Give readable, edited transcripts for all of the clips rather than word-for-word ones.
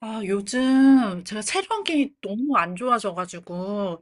아, 요즘 제가 체력이 너무 안 좋아져가지고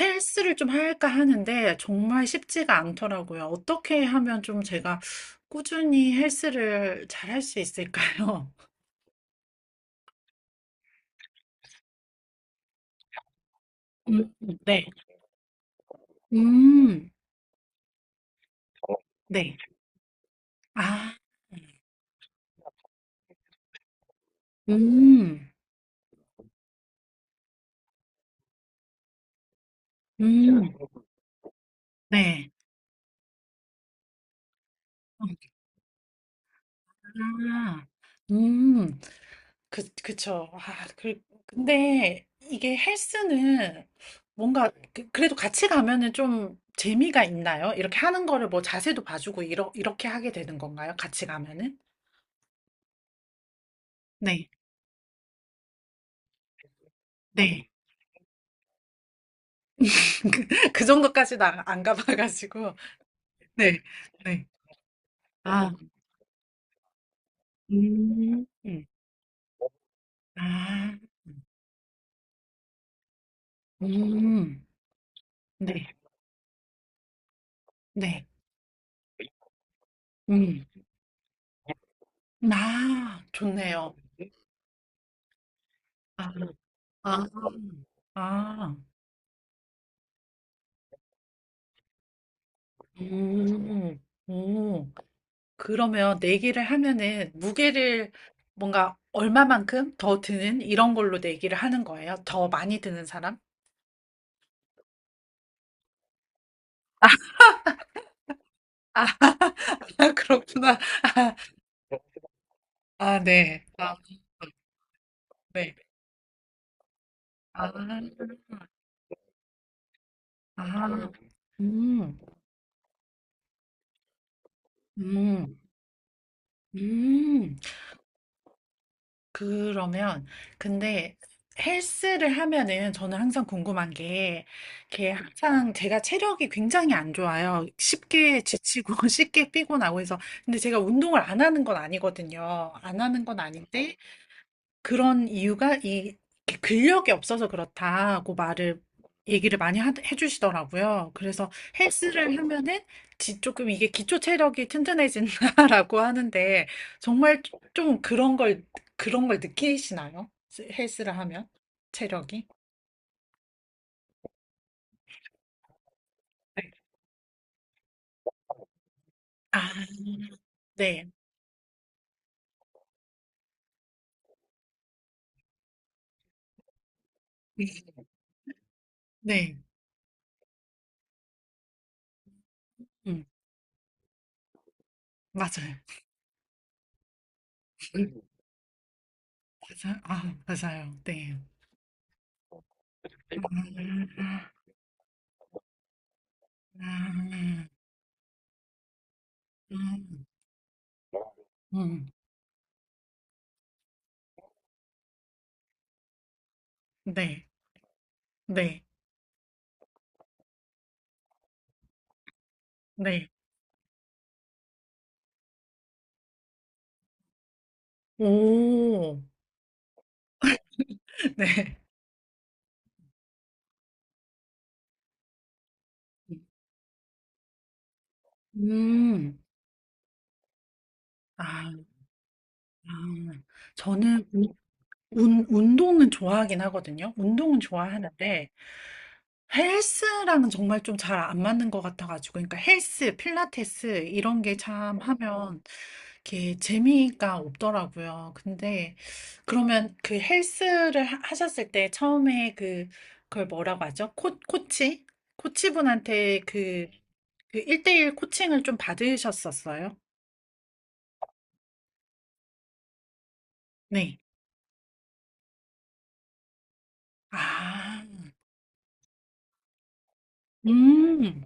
헬스를 좀 할까 하는데 정말 쉽지가 않더라고요. 어떻게 하면 좀 제가 꾸준히 헬스를 잘 할 수 있을까요? 음, 네. 음, 네. 아, 음, 음, 네. 아, 음. 그, 그쵸. 아, 근데 이게 헬스는 뭔가 그래도 같이 가면은 좀 재미가 있나요? 이렇게 하는 거를 뭐 자세도 봐주고 이렇게 하게 되는 건가요? 같이 가면은? 네, 네, 그 정도까지는 안 가봐가지고. 네, 네. 아, 음, 음, 아, 음, 네, 네, 음, 아, 좋네요. 아, 아, 아, 음, 오. 그러면 내기를 하면은 무게를 뭔가 얼마만큼 더 드는 이런 걸로 내기를 하는 거예요? 더 많이 드는 사람? 아, 그렇구나. 아, 아, 네. 아, 네. 아, 아, 음, 음, 음. 그러면 근데 헬스를 하면은 저는 항상 궁금한 게, 이게 항상 제가 체력이 굉장히 안 좋아요. 쉽게 지치고 쉽게 피곤하고 해서 근데 제가 운동을 안 하는 건 아니거든요. 안 하는 건 아닌데 그런 이유가 이 근력이 없어서 그렇다고 말을 얘기를 많이 해주시더라고요. 그래서 헬스를 하면은 조금 이게 기초 체력이 튼튼해진다라고 하는데 정말 좀 그런 걸 느끼시나요? 헬스를 하면 체력이? 아, 네. 네. 음, 맞아요. 음, 맞아요. 아, 맞아요. 네. 음, 음, 음, 음, 음. 네. 네. 네. 오. 네. 음. 아, 아. 저는 운동은 좋아하긴 하거든요. 운동은 좋아하는데 헬스랑은 정말 좀 잘 안 맞는 것 같아가지고, 그러니까 헬스, 필라테스 이런 게 참 하면 이렇게 재미가 없더라고요. 근데 그러면 그 헬스를 하셨을 때 처음에 그걸 뭐라고 하죠? 코치? 코치분한테 그 1대1 코칭을 좀 받으셨었어요? 네. 아, 음,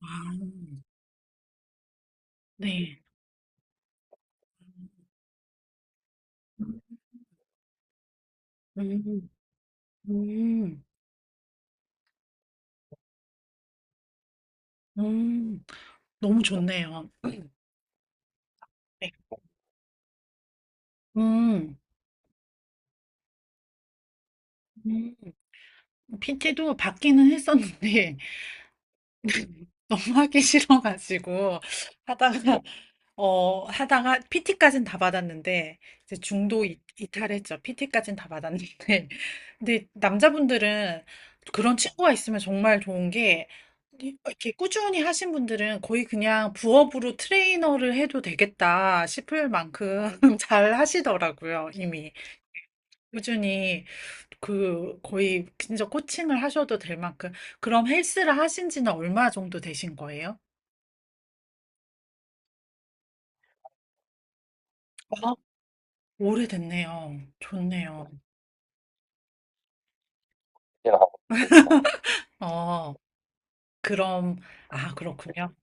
아, 네. 음, 음, 음, 너무 좋네요. 네. 음, 음. PT도 받기는 했었는데, 너무 하기 싫어가지고, 하다가, 어, 하다가, PT까진 다 받았는데, 이제 중도 이탈했죠. PT까진 다 받았는데. 근데 남자분들은 그런 친구가 있으면 정말 좋은 게, 이렇게 꾸준히 하신 분들은 거의 그냥 부업으로 트레이너를 해도 되겠다 싶을 만큼 잘 하시더라고요, 이미. 꾸준히. 그 거의 진짜 코칭을 하셔도 될 만큼 그럼 헬스를 하신 지는 얼마 정도 되신 거예요? 어, 오래됐네요. 좋네요. 어, 그럼 아, 그렇군요.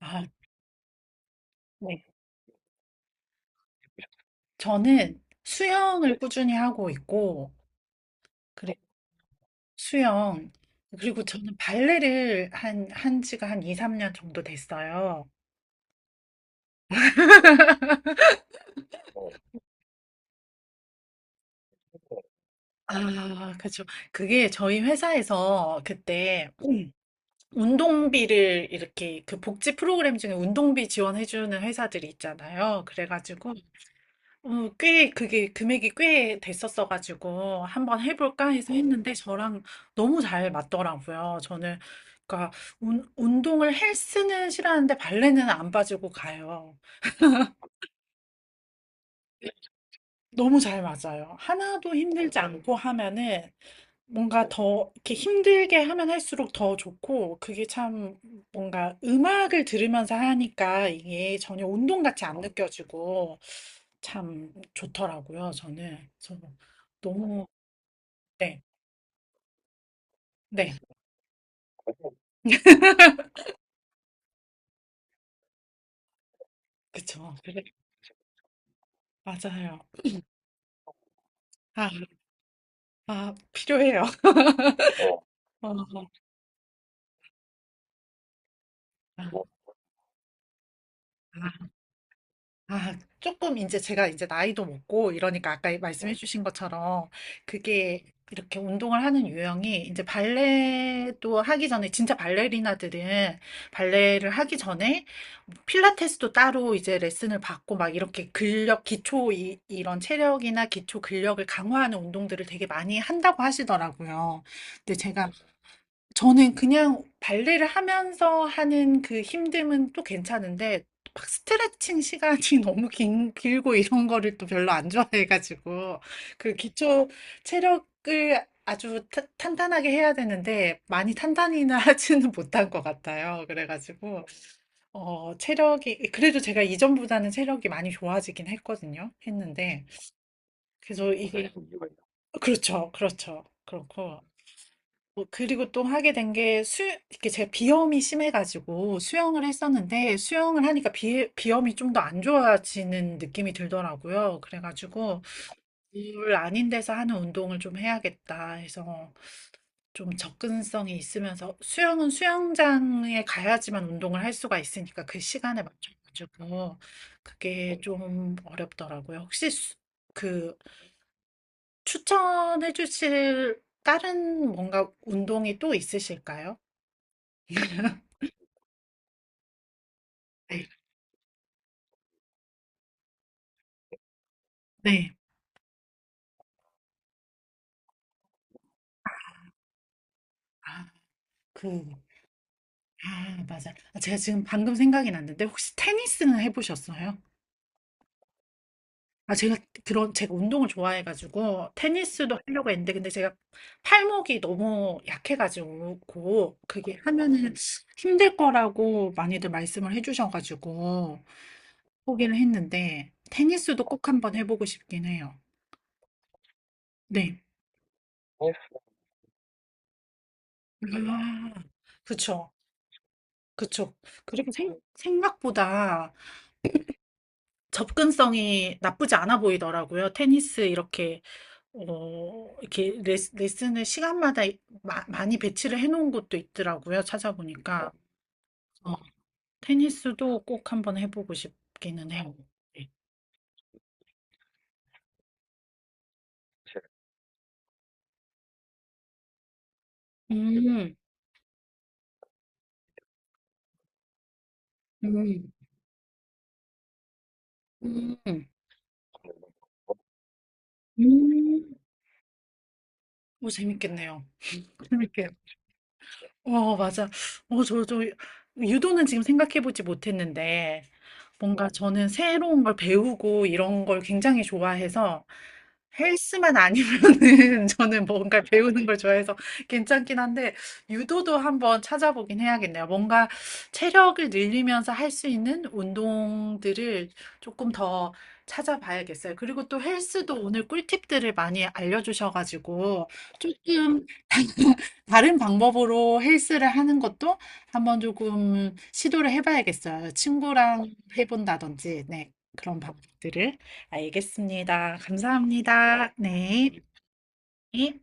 아, 네. 저는 수영을 꾸준히 하고 있고 그리고 수영 그리고 저는 발레를 한 지가 한 2, 3년 정도 됐어요. 아, 그죠. 그게 저희 회사에서 그때 운동비를 이렇게 그 복지 프로그램 중에 운동비 지원해주는 회사들이 있잖아요. 그래가지고 어, 꽤 그게 금액이 꽤 됐었어가지고 한번 해볼까 해서 했는데 저랑 너무 잘 맞더라고요. 저는 그러니까 운동을 헬스는 싫어하는데 발레는 안 빠지고 가요. 너무 잘 맞아요. 하나도 힘들지 않고 하면은 뭔가 더 이렇게 힘들게 하면 할수록 더 좋고, 그게 참 뭔가 음악을 들으면서 하니까 이게 전혀 운동 같이 안 느껴지고 참 좋더라고요, 저는. 저 너무, 네, 네, 그쵸. 그래, 맞아요. 아, 아, 필요해요. 어, 아, 아. 아, 조금 이제 제가 이제 나이도 먹고 이러니까 아까 말씀해 주신 것처럼 그게 이렇게 운동을 하는 유형이 이제 발레도 하기 전에 진짜 발레리나들은 발레를 하기 전에 필라테스도 따로 이제 레슨을 받고 막 이렇게 근력 기초 이런 체력이나 기초 근력을 강화하는 운동들을 되게 많이 한다고 하시더라고요. 근데 제가 저는 그냥 발레를 하면서 하는 그 힘듦은 또 괜찮은데 막 스트레칭 시간이 너무 길고 이런 거를 또 별로 안 좋아해가지고 그 기초 체력을 아주 탄탄하게 해야 되는데 많이 탄탄히는 하지는 못한 것 같아요. 그래가지고 어, 체력이 그래도 제가 이전보다는 체력이 많이 좋아지긴 했거든요. 했는데 그래서 어, 이게 그렇죠, 그렇죠. 그렇고 어, 그리고 또 하게 된 게 수, 이렇게 제 비염이 심해가지고 수영을 했었는데 수영을 하니까 비염이 좀 더 안 좋아지는 느낌이 들더라고요. 그래가지고 물 아닌 데서 하는 운동을 좀 해야겠다 해서 좀 접근성이 있으면서 수영은 수영장에 가야지만 운동을 할 수가 있으니까 그 시간에 맞춰가지고 그게 좀 어렵더라고요. 혹시 그 추천해 주실 다른 뭔가 운동이 또 있으실까요? 네. 아, 그, 아, 맞아. 아, 제가 지금 방금 생각이 났는데, 혹시 테니스는 해보셨어요? 아, 제가 그런, 제가 운동을 좋아해가지고, 테니스도 하려고 했는데, 근데 제가 팔목이 너무 약해가지고, 그게 하면은 힘들 거라고 많이들 말씀을 해주셔가지고, 포기를 했는데, 테니스도 꼭 한번 해보고 싶긴 해요. 네. 아, 그쵸. 그쵸. 그리고 생각보다 접근성이 나쁘지 않아 보이더라고요. 테니스 이렇게 어, 이렇게 레슨을 시간마다 많이 배치를 해놓은 곳도 있더라고요. 찾아보니까 어, 테니스도 꼭 한번 해보고 싶기는 해요. 네. 음, 음, 음, 음, 오, 재밌겠네요. 재밌게. 어, 맞아. 어, 저, 저, 유도는 지금 생각해보지 못했는데, 뭔가 저는 새로운 걸 배우고 이런 걸 굉장히 좋아해서, 헬스만 아니면은 저는 뭔가 배우는 걸 좋아해서 괜찮긴 한데, 유도도 한번 찾아보긴 해야겠네요. 뭔가 체력을 늘리면서 할 수 있는 운동들을 조금 더 찾아봐야겠어요. 그리고 또 헬스도 오늘 꿀팁들을 많이 알려주셔가지고, 조금 다른 방법으로 헬스를 하는 것도 한번 조금 시도를 해봐야겠어요. 친구랑 해본다든지, 네, 그런 방법들을 알겠습니다. 감사합니다. 네. 네.